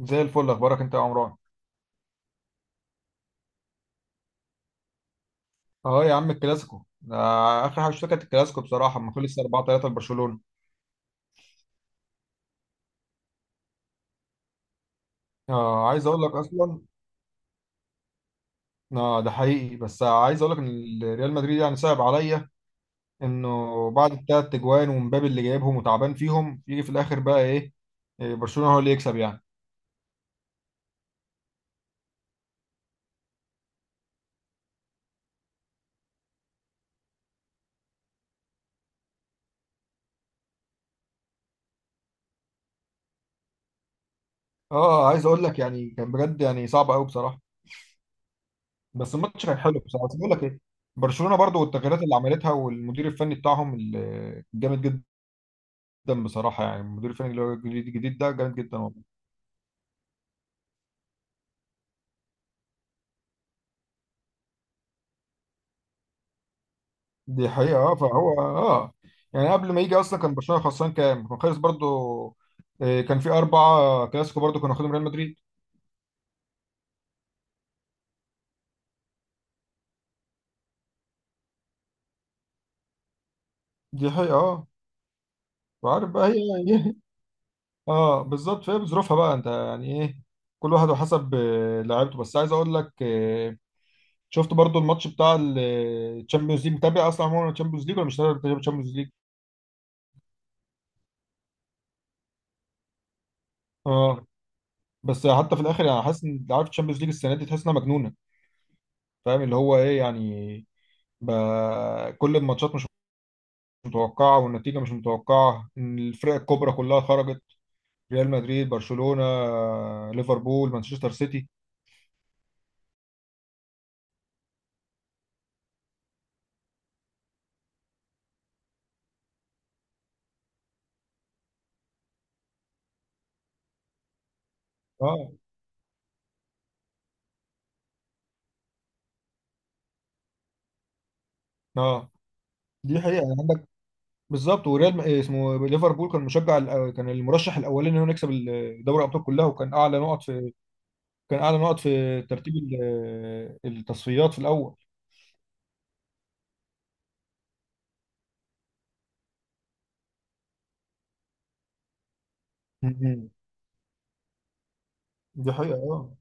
زي الفل. اخبارك انت يا عمران؟ اه يا عم الكلاسيكو ده. اخر حاجه شفتها كانت الكلاسيكو بصراحه لما خلص 4-3 لبرشلونه. آه عايز اقول لك اصلا. آه ده حقيقي، بس عايز اقول لك ان ريال مدريد يعني صعب عليا انه بعد الثلاث تجوان ومبابي اللي جايبهم وتعبان فيهم يجي في الاخر بقى ايه. إيه، برشلونه هو اللي يكسب يعني. اه عايز اقول لك يعني كان بجد يعني صعب قوي بصراحه. بس الماتش كان حلو بصراحه، بس بقول لك ايه. برشلونه برضو، والتغييرات اللي عملتها والمدير الفني بتاعهم الجامد جدا جدا بصراحه. يعني المدير الفني اللي هو الجديد ده جامد جدا والله. دي حقيقه اه فهو اه. يعني قبل ما يجي اصلا كان برشلونه خسران كام؟ كان خلص برضو، كان في اربعه كلاسيكو برضو كانوا واخدهم ريال مدريد. دي حقيقه اه. وعارف بقى هي هي- اه بالظبط. فهي بظروفها بقى، انت يعني ايه، كل واحد وحسب لعيبته. بس عايز اقول لك، شفت برضو الماتش بتاع الشامبيونز ليج؟ متابع اصلا عموما الشامبيونز ليج ولا مش متابع الشامبيونز ليج؟ اه بس حتى في الاخر يعني حاسس ان عارف الشامبيونز ليج السنه دي تحس انها مجنونه. فاهم اللي هو ايه يعني. ب... كل الماتشات مش متوقعة، والنتيجة مش متوقعة إن الفرق الكبرى كلها خرجت. ريال مدريد، برشلونة، ليفربول، مانشستر سيتي. اه اه دي حقيقة يعني عندك. بالظبط. إيه اسمه ليفربول، كان مشجع كان المرشح الأولاني إن هو يكسب دوري الأبطال كلها، وكان أعلى نقط في ترتيب التصفيات في الأول. مم. دي حقيقة اه.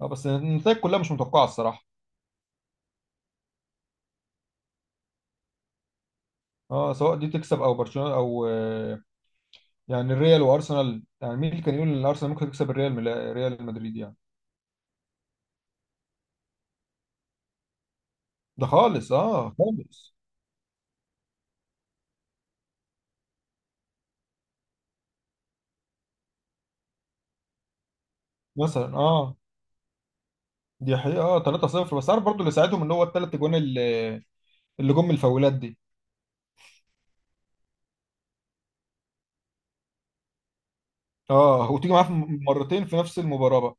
اه بس النتائج كلها مش متوقعة الصراحة. اه سواء دي تكسب او برشلونة او يعني الريال وارسنال، يعني مين اللي كان يقول ان الارسنال ممكن تكسب الريال من ريال مدريد يعني. ده خالص اه خالص. مثلا اه. دي حقيقة اه. 3-0. بس عارف برضو اللي ساعدهم ان هو الثلاث اجوان اللي اللي جم من الفاولات دي. اه وتيجي معاه في مرتين في نفس المباراة بقى.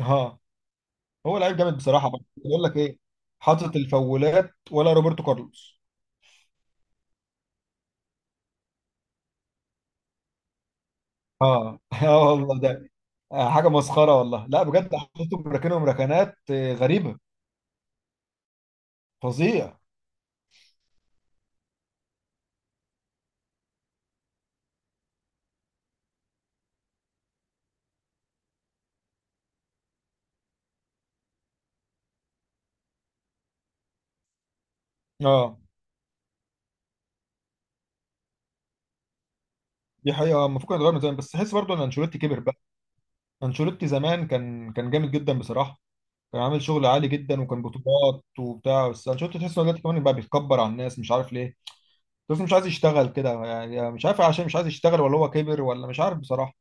اه هو لعيب جامد بصراحة، بقى بقول لك ايه، حاطط الفاولات ولا روبرتو كارلوس. اه اه والله ده حاجة مسخرة والله. لا بجد حاططهم ركنهم ركنات غريبة. فظيع. اه دي حقيقة المفروض كان يتغير من زمان، بس تحس برضه ان انشيلوتي كبر بقى. انشيلوتي زمان كان جامد جدا بصراحة. كان عامل شغل عالي جدا وكان بطولات وبتاع. بس انشيلوتي تحس ان هو دلوقتي كمان بقى بيتكبر على الناس مش عارف ليه. بس مش عايز يشتغل كده يعني، يعني مش عارف عشان مش عايز يشتغل ولا هو كبر ولا مش عارف بصراحة.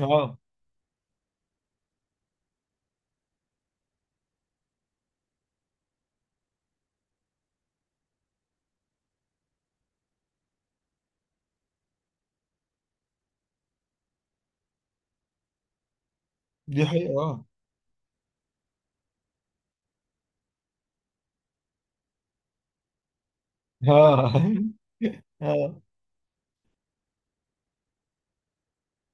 اه دي حقيقة اه. اه آه.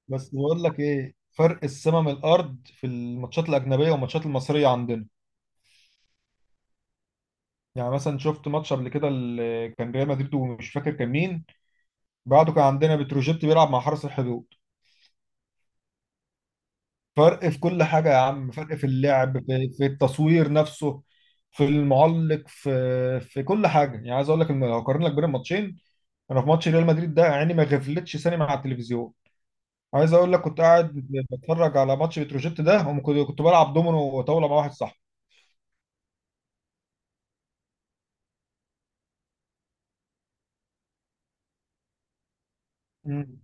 بس بقول لك ايه، فرق السما من الارض في الماتشات الاجنبية والماتشات المصرية عندنا. يعني مثلا شفت ماتش قبل كده اللي كان ريال مدريد ومش فاكر كان مين. بعده كان عندنا بتروجيت بيلعب مع حرس الحدود. فرق في كل حاجة يا عم، فرق في اللعب، في التصوير نفسه، في المعلق، في في كل حاجة. يعني عايز اقول لك ان لو اقارن لك بين الماتشين، انا في ماتش ريال مدريد ده عيني ما غفلتش ثانية مع التلفزيون. عايز اقول لك كنت قاعد بتفرج على ماتش بتروجيت ده، وكنت بلعب دومينو وطاولة مع واحد صاحبي. مم.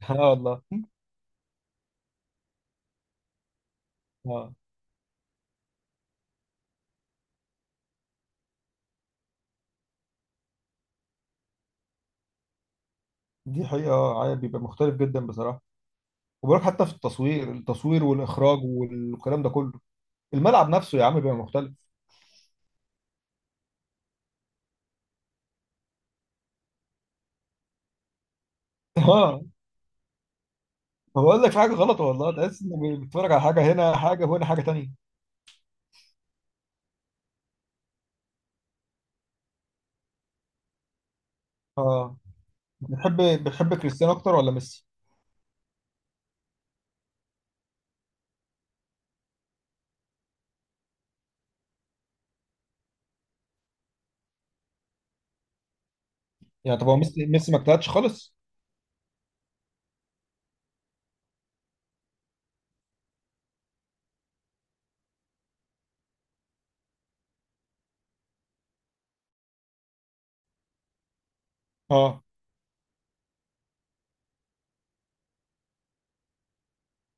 اه والله. اه دي حقيقة عادي بيبقى مختلف جدا بصراحة. وبقولك حتى في التصوير، والإخراج والكلام ده كله. الملعب نفسه يا عم بيبقى مختلف. اه ما بقول لك، في حاجه غلط والله. تحس انك بتتفرج على حاجه، هنا حاجه وهنا حاجه تانية. اه بتحب كريستيانو اكتر ولا ميسي؟ يعني طب هو ميسي ما اجتهدش خالص. اه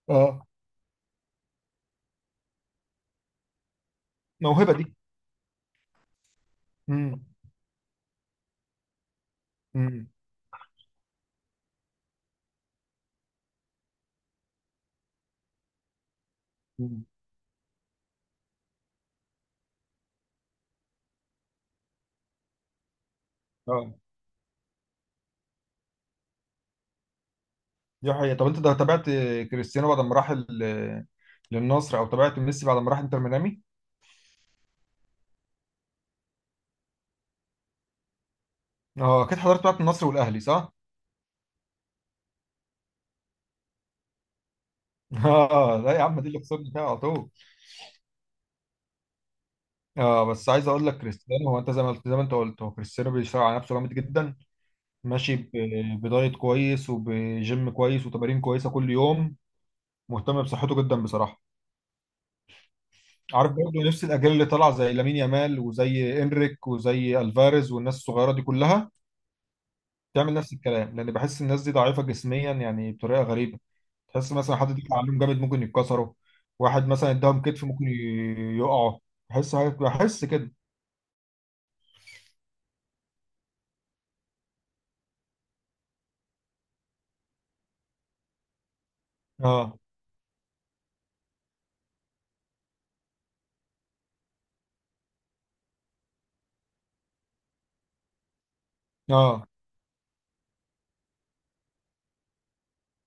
اه موهبه دي. امم امم. أمم. اه دي حقيقه. طب انت ده تابعت كريستيانو بعد ما راح للنصر، او تابعت ميسي بعد ما راح انتر ميامي؟ اه اكيد حضرت بتاعت النصر والاهلي، صح؟ اه لا يا عم، دي اللي خسرنا فيها على طول. اه بس عايز اقول لك كريستيانو هو، انت زي ما قلت، زي ما انت قلت، هو كريستيانو بيشتغل على نفسه جامد جدا. ماشي بدايت كويس، وبجيم كويس، وتمارين كويسه كل يوم. مهتم بصحته جدا بصراحه. عارف برضه نفس الاجيال اللي طالعه زي لامين يامال وزي انريك وزي الفاريز والناس الصغيره دي كلها تعمل نفس الكلام، لان بحس الناس دي ضعيفه جسميا يعني بطريقه غريبه. تحس مثلا حد دفع عليهم جامد ممكن يتكسروا. واحد مثلا اداهم كتف ممكن يقعوا. بحس كده. اه اه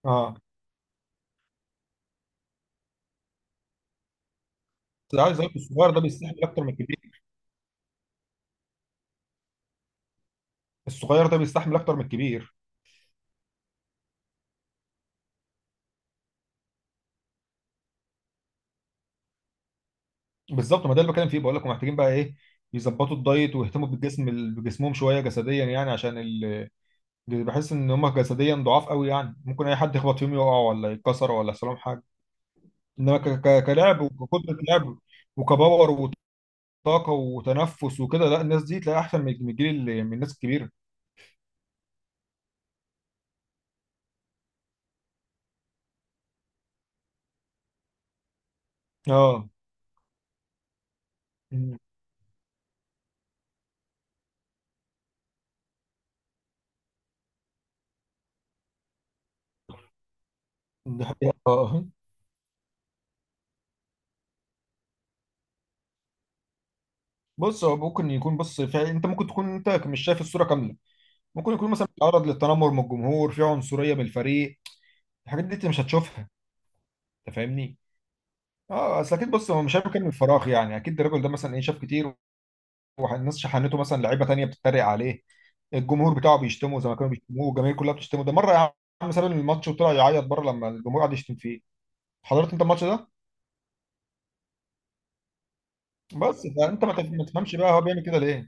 اه بس عايز أقول لك، الصغير ده بيستحمل اكتر من الكبير. الصغير ده بيستحمل اكتر من الكبير بالظبط. ما ده اللي بتكلم فيه، بقول لكم محتاجين بقى ايه، يظبطوا الدايت ويهتموا بالجسم بجسمهم شويه جسديا، يعني عشان ال... بحس ان هم جسديا ضعاف قوي يعني. ممكن اي حد يخبط فيهم يقع ولا يتكسر ولا يحصل لهم حاجه. انما كلعب، وكقدره لعب، وكباور، وطاقه، وتنفس، وكده، لا، الناس دي تلاقي احسن من من الجيل من الناس الكبيره. اه مم. ده حقيقة اه. بص هو ممكن يكون، بص فعلا انت ممكن تكون انت مش شايف الصوره كامله. ممكن يكون مثلا بيتعرض للتنمر من الجمهور، في عنصريه من الفريق. الحاجات دي انت مش هتشوفها، انت فاهمني. اه اصل اكيد، بص هو مش هياكل من الفراغ يعني. اكيد الراجل ده مثلا ايه شاف كتير. والناس شحنته، مثلا لعيبه تانية بتتريق عليه. الجمهور بتاعه بيشتمه زي ما كانوا بيشتموه، والجماهير كلها بتشتمه، ده مره يا عم ساب الماتش وطلع يعيط بره لما الجمهور قعد يشتم فيه. حضرت انت الماتش ده؟ بس فانت ما تفهمش بقى هو بيعمل كده ليه.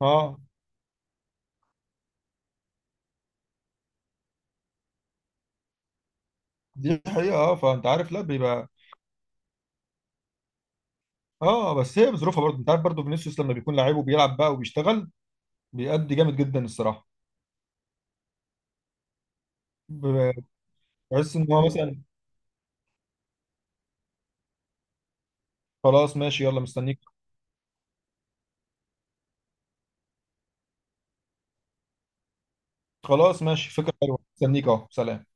اه دي حقيقه اه. فانت عارف، لا بيبقى، اه بس هي بظروفها برضه. انت عارف برضه فينيسيوس لما بيكون لعيب وبيلعب بقى وبيشتغل، بيأدي جامد جدا الصراحه. ب- بحس ان هو مثلا. خلاص ماشي يلا مستنيك. خلاص ماشي، فكرة حلوة، استنيك اهو، سلام.